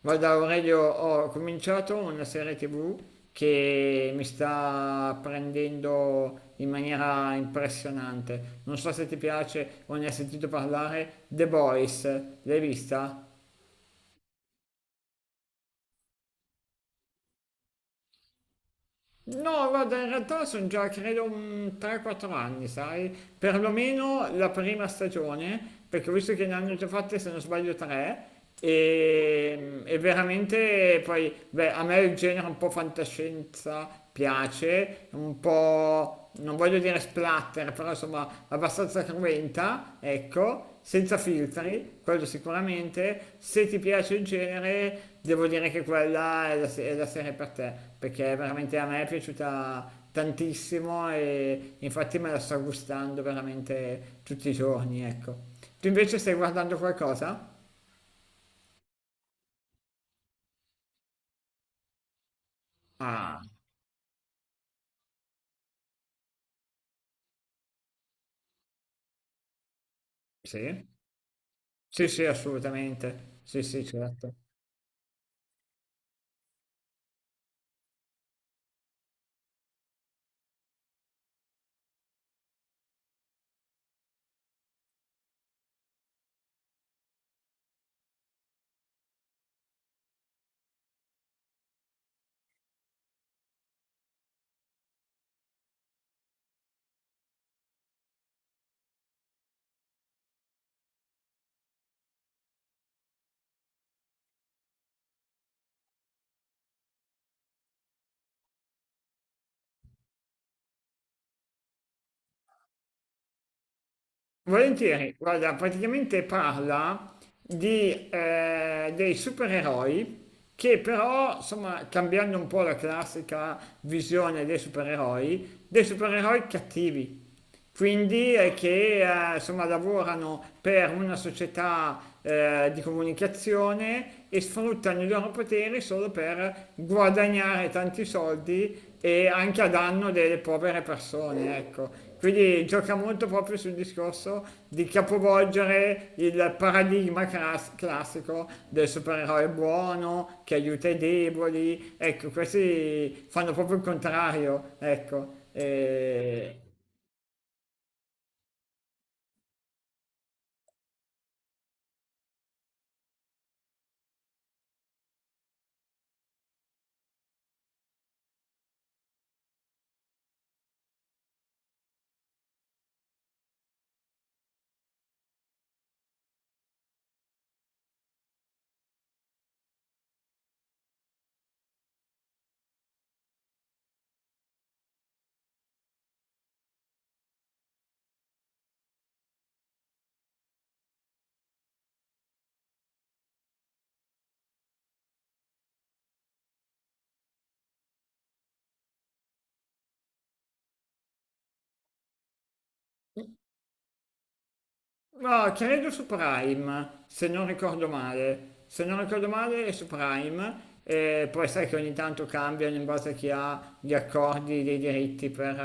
Guarda Aurelio, ho cominciato una serie TV che mi sta prendendo in maniera impressionante. Non so se ti piace o ne hai sentito parlare, The Boys, l'hai vista? No, guarda, in realtà sono già credo un 3-4 anni, sai? Perlomeno la prima stagione, perché ho visto che ne hanno già fatte, se non sbaglio, tre. E veramente poi, beh, a me il genere un po' fantascienza piace, un po', non voglio dire splatter, però insomma abbastanza cruenta, ecco, senza filtri, quello sicuramente. Se ti piace il genere, devo dire che quella è la, se- è la serie per te, perché veramente a me è piaciuta tantissimo e infatti me la sto gustando veramente tutti i giorni, ecco. Tu invece stai guardando qualcosa? Ah, sì. Sì, sì, assolutamente. Sì, sì, certo. Volentieri, guarda, praticamente parla di, dei supereroi che però, insomma, cambiando un po' la classica visione dei supereroi cattivi, quindi che insomma, lavorano per una società di comunicazione e sfruttano i loro poteri solo per guadagnare tanti soldi e anche a danno delle povere persone, ecco. Quindi gioca molto proprio sul discorso di capovolgere il paradigma classico del supereroe buono che aiuta i deboli, ecco, questi fanno proprio il contrario, ecco. E... No, credo su Prime, se non ricordo male. Se non ricordo male è su Prime, e poi sai che ogni tanto cambiano in base a chi ha gli accordi dei diritti per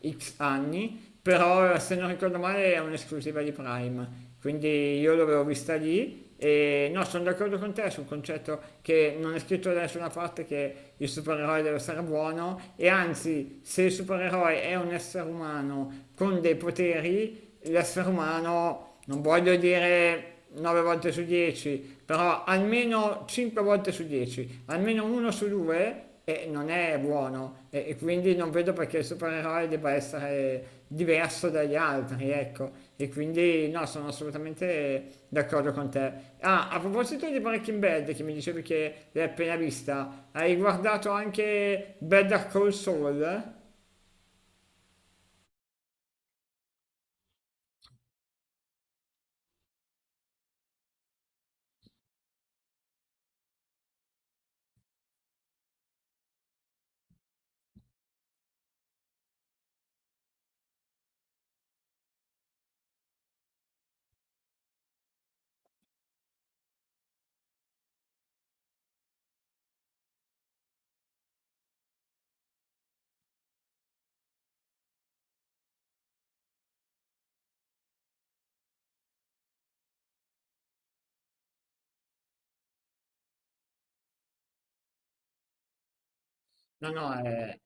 X anni, però se non ricordo male è un'esclusiva di Prime, quindi io l'avevo vista lì. E no, sono d'accordo con te sul concetto che non è scritto da nessuna parte che il supereroe deve essere buono e anzi, se il supereroe è un essere umano con dei poteri, l'essere umano, non voglio dire 9 volte su 10, però almeno 5 volte su 10, almeno uno su due non è buono e quindi non vedo perché il supereroe debba essere diverso dagli altri, ecco. E quindi no, sono assolutamente d'accordo con te. Ah, a proposito di Breaking Bad, che mi dicevi che l'hai appena vista, hai guardato anche Better Call Saul? No, no, è,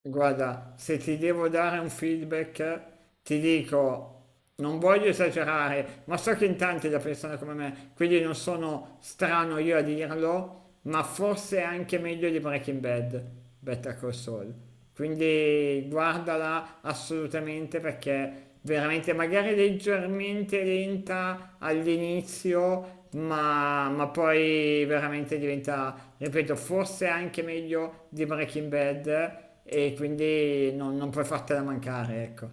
Guarda, se ti devo dare un feedback, ti dico, non voglio esagerare, ma so che in tanti la pensano come me, quindi non sono strano io a dirlo, ma forse è anche meglio di Breaking Bad, Better Call Saul. Quindi guardala assolutamente perché veramente magari leggermente lenta all'inizio, ma poi veramente diventa, ripeto, forse anche meglio di Breaking Bad e quindi non puoi fartela mancare, ecco.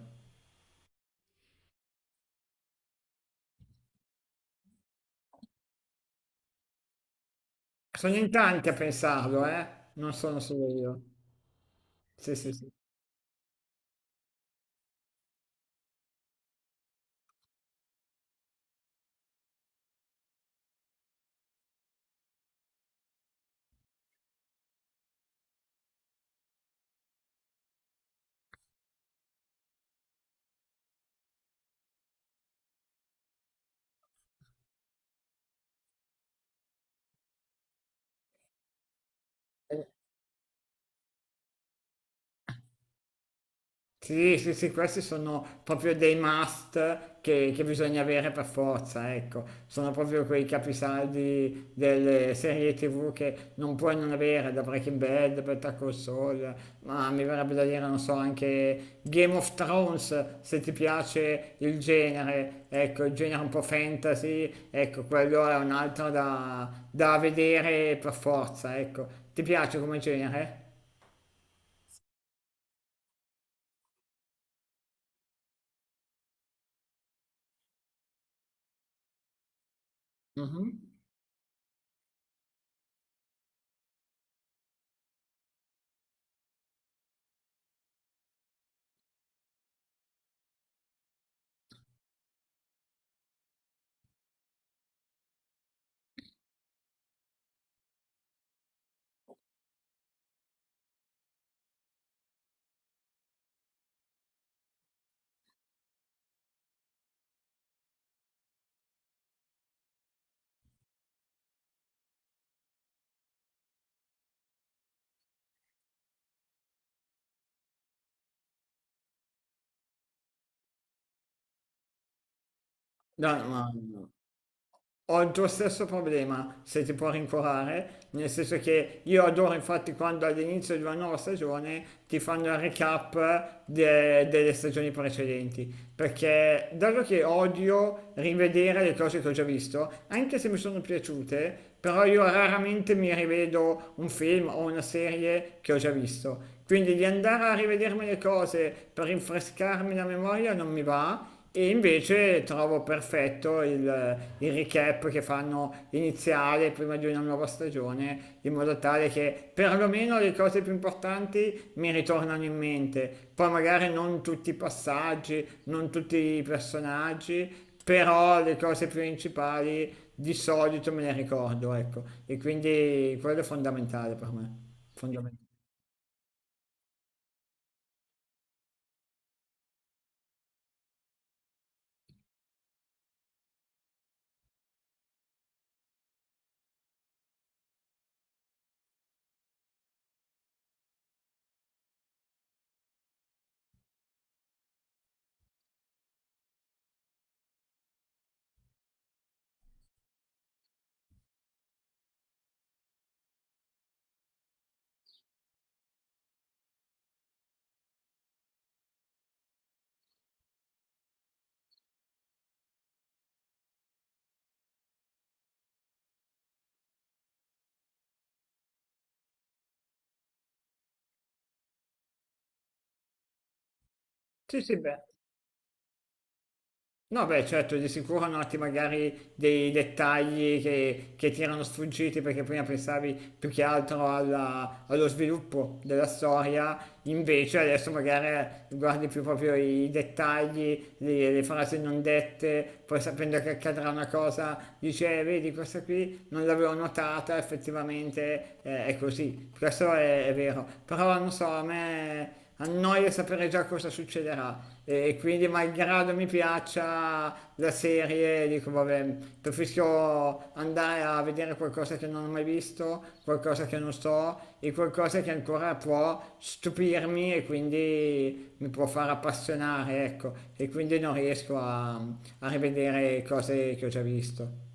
Sono in tanti a pensarlo, eh? Non sono solo io. Sì, sì, sì. Sì, sì, sì, questi sono proprio dei must che bisogna avere per forza, ecco. Sono proprio quei capisaldi delle serie TV che non puoi non avere, da Breaking Bad, Better Call Saul, ma mi verrebbe da dire, non so, anche Game of Thrones, se ti piace il genere, ecco, il genere un po' fantasy, ecco, quello è un altro da vedere per forza, ecco. Ti piace come genere? Mhm. No, no, no. Ho il tuo stesso problema, se ti può rincuorare, nel senso che io adoro infatti quando all'inizio di una nuova stagione ti fanno il recap delle stagioni precedenti, perché dato che odio rivedere le cose che ho già visto, anche se mi sono piaciute, però io raramente mi rivedo un film o una serie che ho già visto. Quindi di andare a rivedermi le cose per rinfrescarmi la memoria non mi va e invece trovo perfetto il recap che fanno iniziale prima di una nuova stagione, in modo tale che perlomeno le cose più importanti mi ritornano in mente. Poi magari non tutti i passaggi, non tutti i personaggi, però le cose principali di solito me le ricordo, ecco. E quindi quello è fondamentale per me. Fondamentale. Sì, sì, beh. No, beh, certo, di sicuro noti magari dei dettagli che ti erano sfuggiti perché prima pensavi più che altro allo sviluppo della storia, invece adesso magari guardi più proprio i dettagli, le frasi non dette, poi sapendo che accadrà una cosa dici, vedi, questa qui non l'avevo notata, effettivamente è così, è vero, però non so, a me... Annoia sapere già cosa succederà, e quindi malgrado mi piaccia la serie, dico vabbè, preferisco andare a vedere qualcosa che non ho mai visto, qualcosa che non so e qualcosa che ancora può stupirmi e quindi mi può far appassionare, ecco, e quindi non riesco a rivedere cose che ho già visto.